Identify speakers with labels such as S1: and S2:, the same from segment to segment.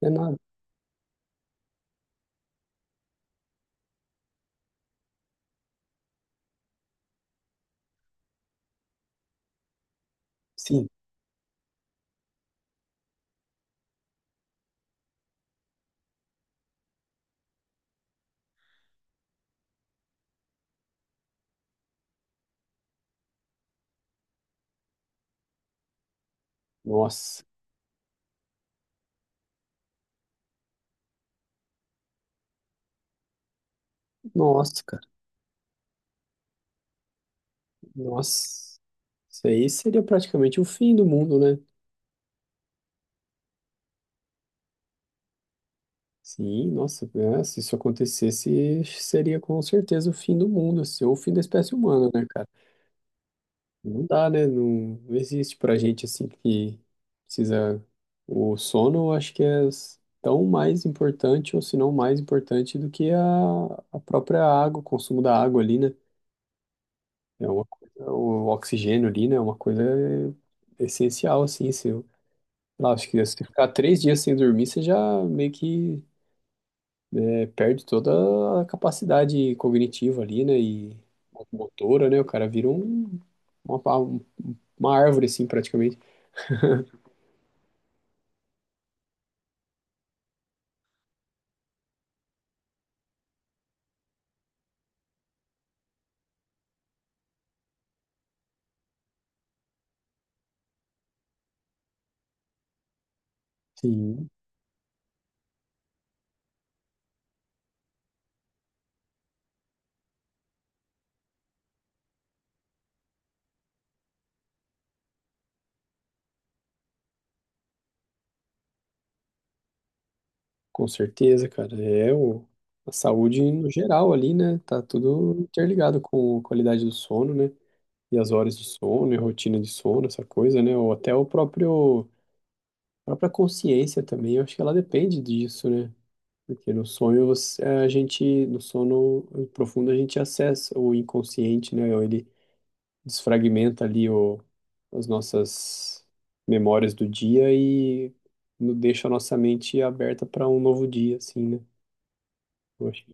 S1: É nada. Sim. Nossa. Nossa, cara. Nossa. Isso aí seria praticamente o fim do mundo, né? Sim, nossa. Se isso acontecesse, seria com certeza o fim do mundo, assim, ou o fim da espécie humana, né, cara? Não dá, né? Não, não existe pra gente assim que precisa. O sono, eu acho que é tão mais importante, ou se não mais importante, do que a própria água, o consumo da água ali, né? É uma coisa, o oxigênio ali, né? É uma coisa essencial, assim. Se, eu- lá, acho que se ficar três dias sem dormir, você já meio que né, perde toda a capacidade cognitiva ali, né? E motora, né? O cara vira uma, pa- uma árvore, assim, praticamente. Sim, com certeza, cara. A saúde no geral ali, né? Tá tudo interligado com a qualidade do sono, né? E as horas de sono, e a rotina de sono, essa coisa, né? Ou até o próprio. A própria consciência também, eu acho que ela depende disso, né? Porque no sonho a gente, no sono profundo a gente acessa o inconsciente, né? Ou ele desfragmenta as nossas memórias do dia e deixa a nossa mente aberta para um novo dia, assim, né? Eu acho.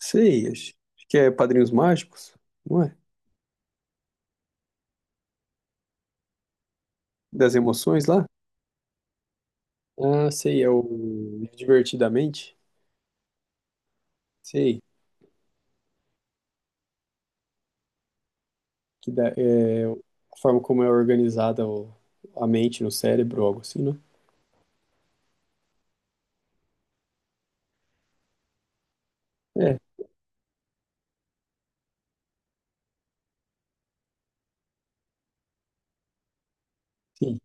S1: Sei, acho que é Padrinhos Mágicos, não é? Das emoções lá? Ah, sei, é o Divertidamente. Sei. Que dá, é, a forma como é organizada a mente no cérebro, algo assim, né? É, sim,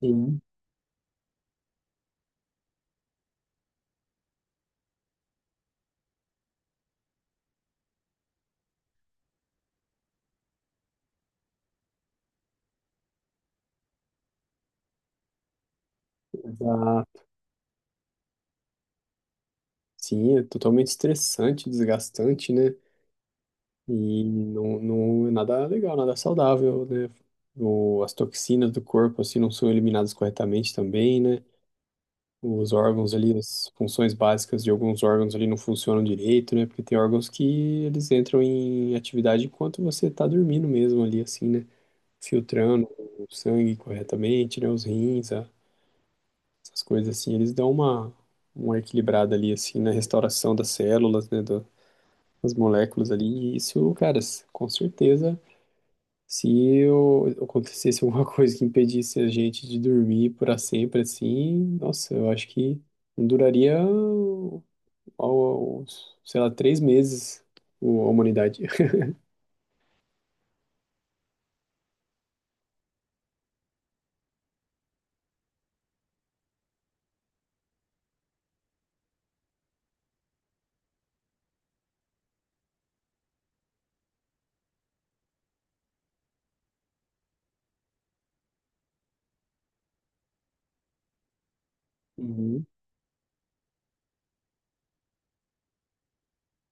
S1: sim, exato. Sim, é totalmente estressante, desgastante, né? E não, não é nada legal, nada saudável, né? As toxinas do corpo, assim, não são eliminadas corretamente também, né? Os órgãos ali, as funções básicas de alguns órgãos ali não funcionam direito, né? Porque tem órgãos que eles entram em atividade enquanto você tá dormindo mesmo ali, assim, né? Filtrando o sangue corretamente, né, os rins, essas coisas assim, eles dão uma equilibrada ali, assim, na restauração das células, né, das moléculas ali, e isso, cara, com certeza, se acontecesse alguma coisa que impedisse a gente de dormir para sempre, assim, nossa, eu acho que não duraria, ao- sei lá, três meses a humanidade. Uhum.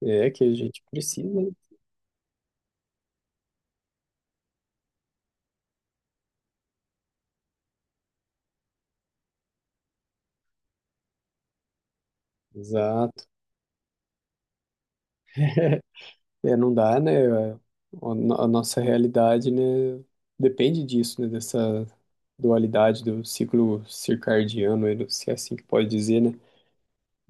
S1: É, que a gente precisa, né? Exato. É, não dá, né? A nossa realidade, né, depende disso, né? Dessa dualidade do ciclo circadiano, né, se é assim que pode dizer, né?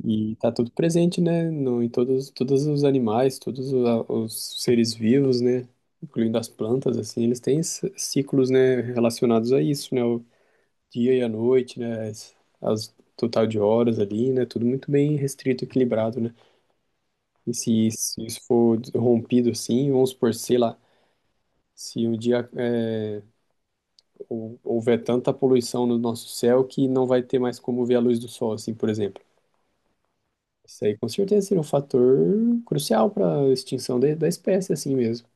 S1: E tá tudo presente, né? No, em todos os animais, os seres vivos, né? Incluindo as plantas, assim, eles têm ciclos, né? Relacionados a isso, né? O dia e a noite, né? As total de horas ali, né? Tudo muito bem restrito, equilibrado, né? E se isso for rompido, assim, vamos supor, sei lá. Se um dia houver tanta poluição no nosso céu que não vai ter mais como ver a luz do sol, assim, por exemplo. Isso aí com certeza seria um fator crucial para a extinção da espécie, assim mesmo.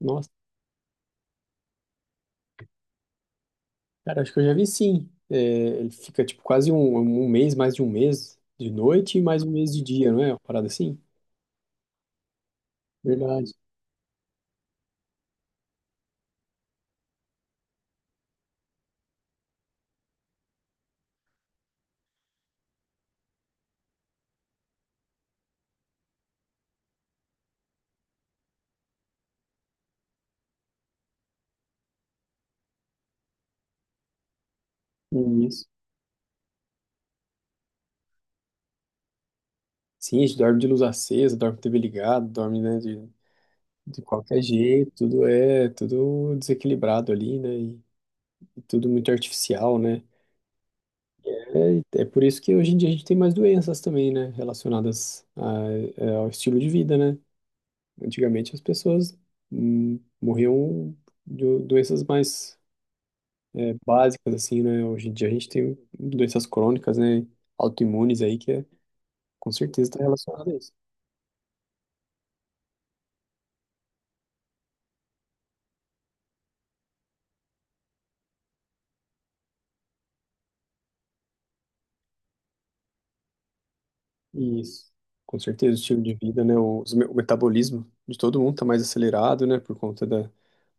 S1: Nossa, cara, acho que eu já vi sim. É, ele fica tipo quase um mês, mais de um mês de noite e mais um mês de dia, não é? Uma parada assim? Verdade. Isso. Sim, a gente dorme de luz acesa, dorme com TV ligado, dorme, né, de qualquer jeito, tudo é, tudo desequilibrado ali, né? E tudo muito artificial, né? É, é por isso que hoje em dia a gente tem mais doenças também, né? Relacionadas ao estilo de vida, né? Antigamente as pessoas morriam de doenças mais básicas, assim, né? Hoje em dia a gente tem doenças crônicas, né? Autoimunes aí, que é, com certeza está relacionado a isso. Isso. Com certeza, o estilo de vida, né? O metabolismo de todo mundo está mais acelerado, né? Por conta da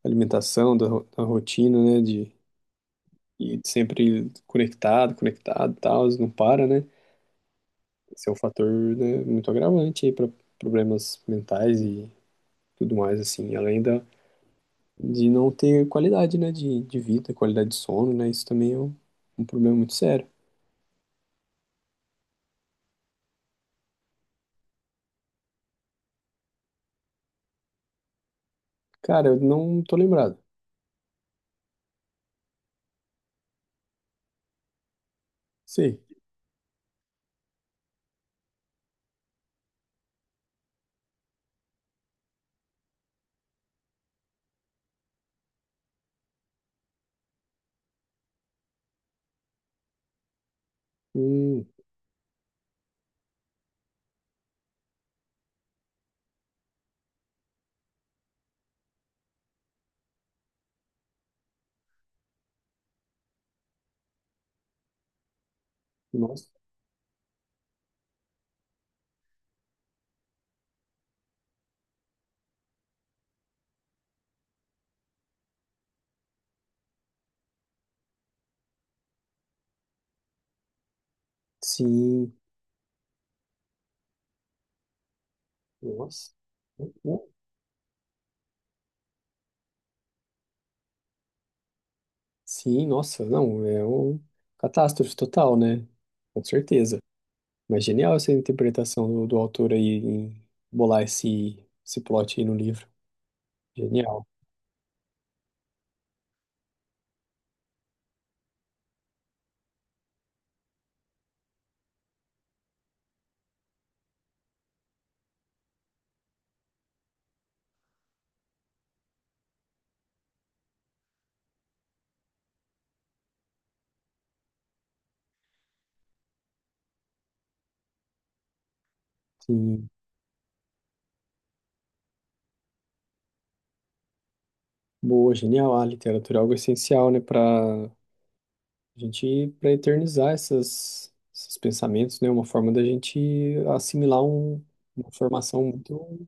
S1: alimentação, da rotina, né? De e sempre conectado e tal, não para, né? Esse é um fator, né, muito agravante aí para problemas mentais e tudo mais, assim. Além de não ter qualidade, né, de vida, qualidade de sono, né? Isso também é um, um problema muito sério. Cara, eu não tô lembrado. Sei. Hum, nossa. Sim. Nossa. Sim, nossa. Não, é um catástrofe total, né? Com certeza. Mas genial essa interpretação do, do autor aí em bolar esse, esse plot aí no livro. Genial. Sim. Boa, genial. A literatura é algo essencial, né, para a gente para eternizar essas, esses pensamentos, né? Uma forma da gente assimilar um, uma formação muito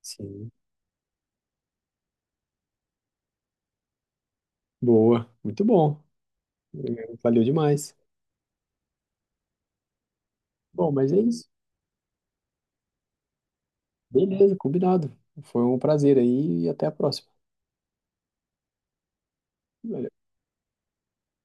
S1: sim, boa, muito bom. Valeu demais. Bom, mas é isso. Beleza, combinado. Foi um prazer aí e até a próxima.